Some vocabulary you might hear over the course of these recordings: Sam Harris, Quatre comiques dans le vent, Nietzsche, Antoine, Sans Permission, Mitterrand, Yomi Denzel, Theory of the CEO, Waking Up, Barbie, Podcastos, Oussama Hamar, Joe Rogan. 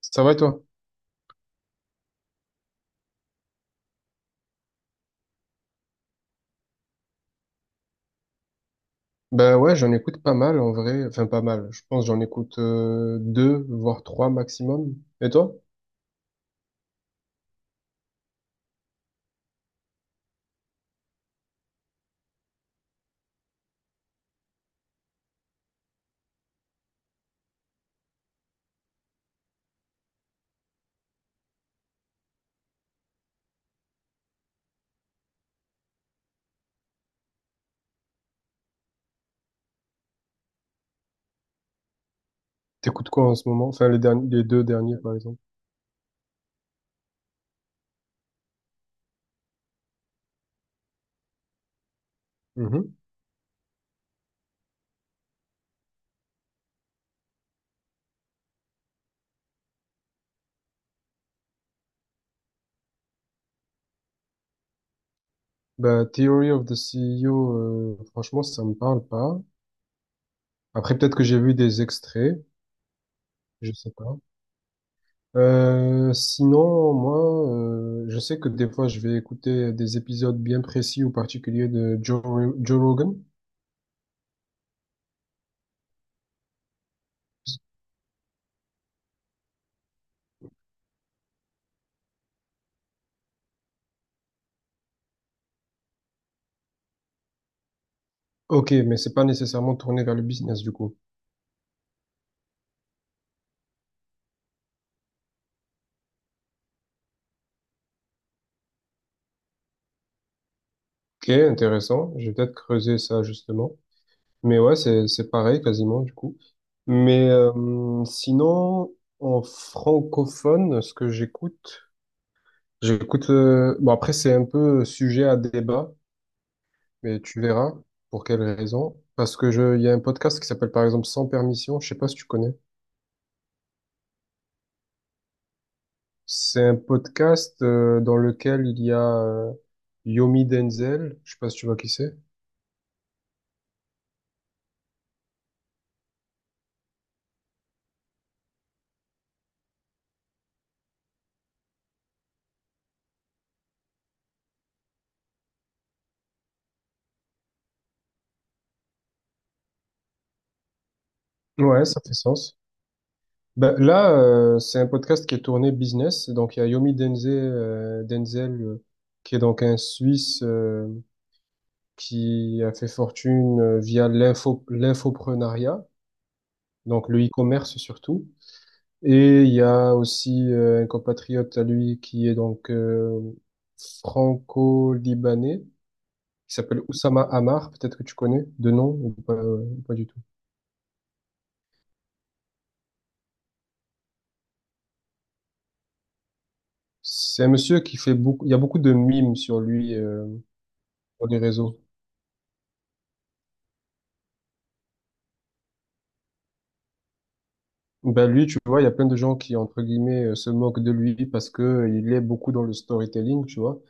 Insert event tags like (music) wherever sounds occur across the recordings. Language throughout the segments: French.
Ça va et toi? Ben ouais, j'en écoute pas mal en vrai. Enfin, pas mal. Je pense que j'en écoute deux, voire trois maximum. Et toi? T'écoutes quoi en ce moment? Enfin, les deux derniers, par exemple. Mhm. Ben, Theory of the CEO, franchement, ça me parle pas. Après, peut-être que j'ai vu des extraits, je sais pas. Sinon, moi, je sais que des fois, je vais écouter des épisodes bien précis ou particuliers de Joe Rogan. Ok, mais c'est pas nécessairement tourné vers le business, du coup. Ok, intéressant. Je vais peut-être creuser ça justement. Mais ouais, c'est pareil quasiment du coup. Mais sinon, en francophone, ce que j'écoute, j'écoute. Bon après, c'est un peu sujet à débat, mais tu verras pour quelles raisons. Parce que il y a un podcast qui s'appelle par exemple Sans permission. Je sais pas si tu connais. C'est un podcast dans lequel il y a Yomi Denzel. Je sais pas si tu vois qui c'est. Ouais, ça fait sens. Ben, là, c'est un podcast qui est tourné business. Donc, il y a Yomi Denzel qui est donc un Suisse qui a fait fortune via l'infopreneuriat, donc le e-commerce surtout. Et il y a aussi un compatriote à lui qui est donc franco-libanais, qui s'appelle Oussama Hamar, peut-être que tu connais de nom ou pas du tout. C'est un monsieur qui fait beaucoup, il y a beaucoup de mimes sur lui sur les réseaux. Ben lui, tu vois, il y a plein de gens qui, entre guillemets, se moquent de lui parce que il est beaucoup dans le storytelling, tu vois.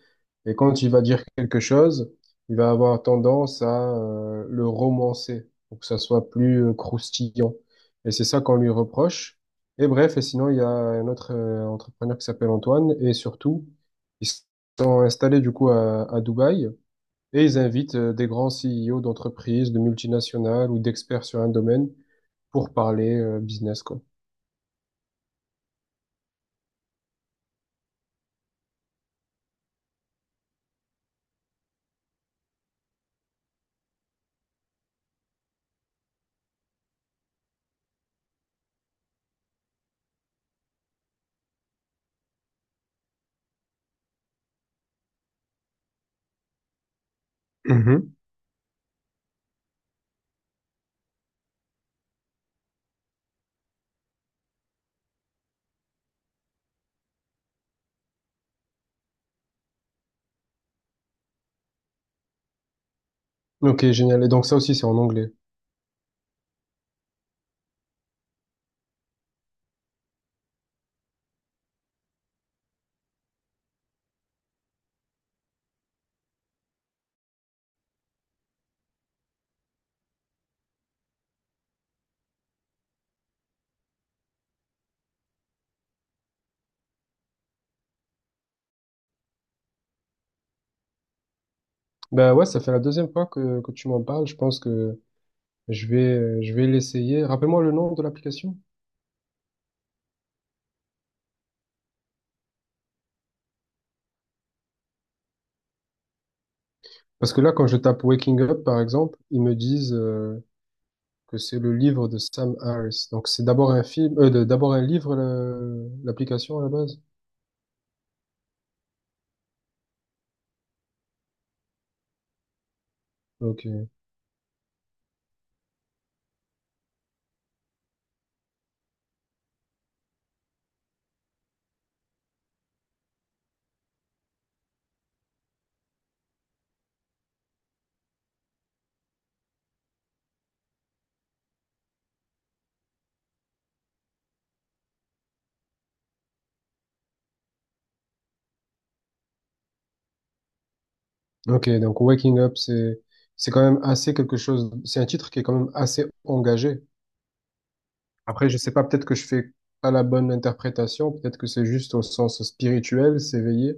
Et quand il va dire quelque chose, il va avoir tendance à le romancer pour que ça soit plus croustillant. Et c'est ça qu'on lui reproche. Et bref, et sinon, il y a un autre entrepreneur qui s'appelle Antoine. Et surtout, ils sont installés du coup à Dubaï. Et ils invitent des grands CEO d'entreprises, de multinationales ou d'experts sur un domaine pour parler business, quoi. Mhm. Ok, génial. Et donc ça aussi, c'est en anglais. Ben ouais, ça fait la deuxième fois que tu m'en parles. Je pense que je vais, je vais l'essayer. Rappelle-moi le nom de l'application. Parce que là, quand je tape Waking Up, par exemple, ils me disent que c'est le livre de Sam Harris. Donc, c'est d'abord un film, d'abord un livre, l'application à la base. Ok. Ok. Donc, Waking Up, c'est quand même assez quelque chose. C'est un titre qui est quand même assez engagé. Après, je sais pas, peut-être que je fais pas la bonne interprétation. Peut-être que c'est juste au sens spirituel, s'éveiller.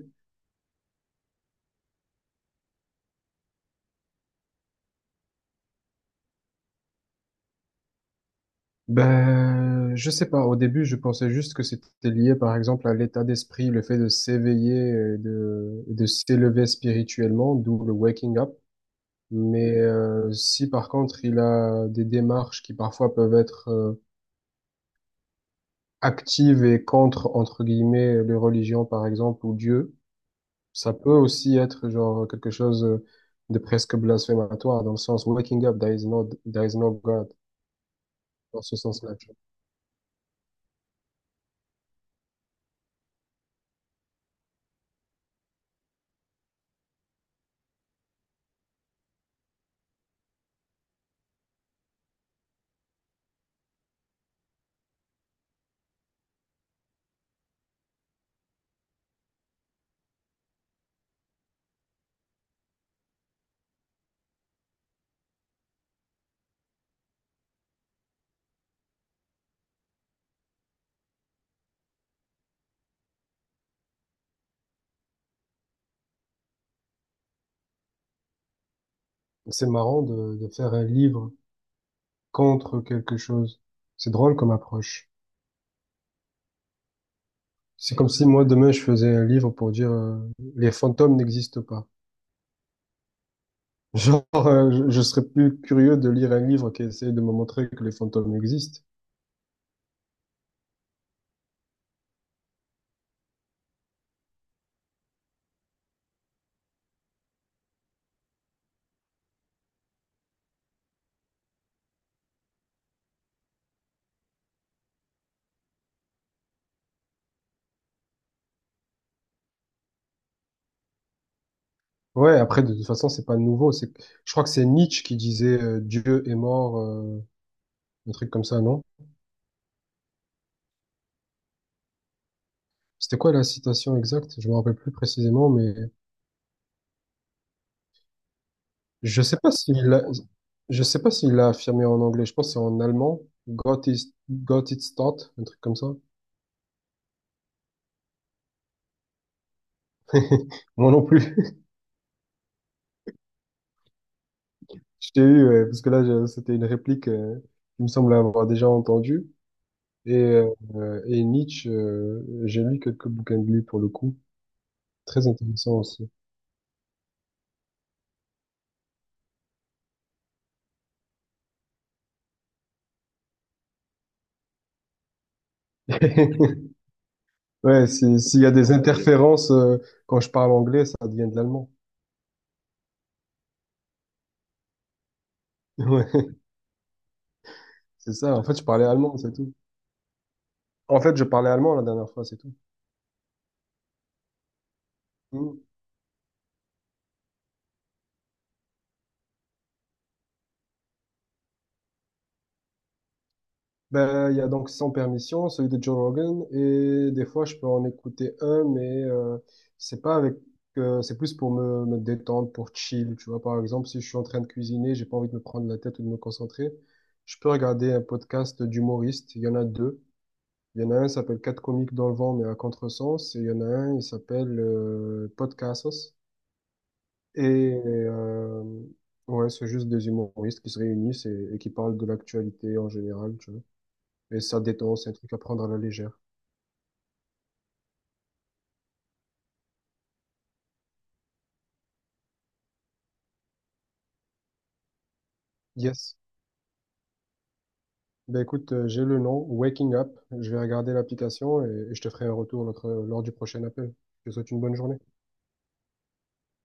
Ben, je sais pas. Au début, je pensais juste que c'était lié, par exemple, à l'état d'esprit, le fait de s'éveiller, et de s'élever spirituellement, d'où le waking up. Mais si par contre, il a des démarches qui parfois peuvent être actives et contre, entre guillemets, les religions, par exemple, ou Dieu, ça peut aussi être genre quelque chose de presque blasphématoire, dans le sens waking up, there is no God, dans ce sens-là. Tu vois. C'est marrant de faire un livre contre quelque chose. C'est drôle comme approche. C'est comme si moi, demain, je faisais un livre pour dire les fantômes n'existent pas. (laughs) Genre, je serais plus curieux de lire un livre qui essaie de me montrer que les fantômes existent. Ouais, après, de toute façon, c'est pas nouveau. C'est, je crois que c'est Nietzsche qui disait Dieu est mort, un truc comme ça, non? C'était quoi la citation exacte? Je me rappelle plus précisément, mais je sais pas je sais pas s'il l'a affirmé en anglais. Je pense que c'est en allemand. Gott ist tot, un truc comme ça. (laughs) Moi non plus. (laughs) Je t'ai eu, parce que c'était une réplique qu'il me semble avoir déjà entendue. Et, euh, et Nietzsche, j'ai lu quelques bouquins de lui pour le coup. Très intéressant aussi. (laughs) Ouais, s'il y a des interférences, quand je parle anglais, ça devient de l'allemand. (laughs) Ouais, c'est ça. En fait, je parlais allemand, c'est tout. En fait, je parlais allemand la dernière fois, c'est tout. Mm. Ben, il y a donc Sans Permission, celui de Joe Rogan, et des fois je peux en écouter un, mais c'est pas avec, c'est plus pour me détendre, pour chill, tu vois. Par exemple, si je suis en train de cuisiner, j'ai pas envie de me prendre la tête ou de me concentrer, je peux regarder un podcast d'humoristes. Il y en a deux. Il y en a un qui s'appelle Quatre comiques dans le vent, mais à contresens, et il y en a un, il s'appelle Podcastos. Et ouais, c'est juste des humoristes qui se réunissent et qui parlent de l'actualité en général, et ça détend, c'est un truc à prendre à la légère. Yes. Ben écoute, j'ai le nom, Waking Up. Je vais regarder l'application et je te ferai un retour lors du prochain appel. Je te souhaite une bonne journée.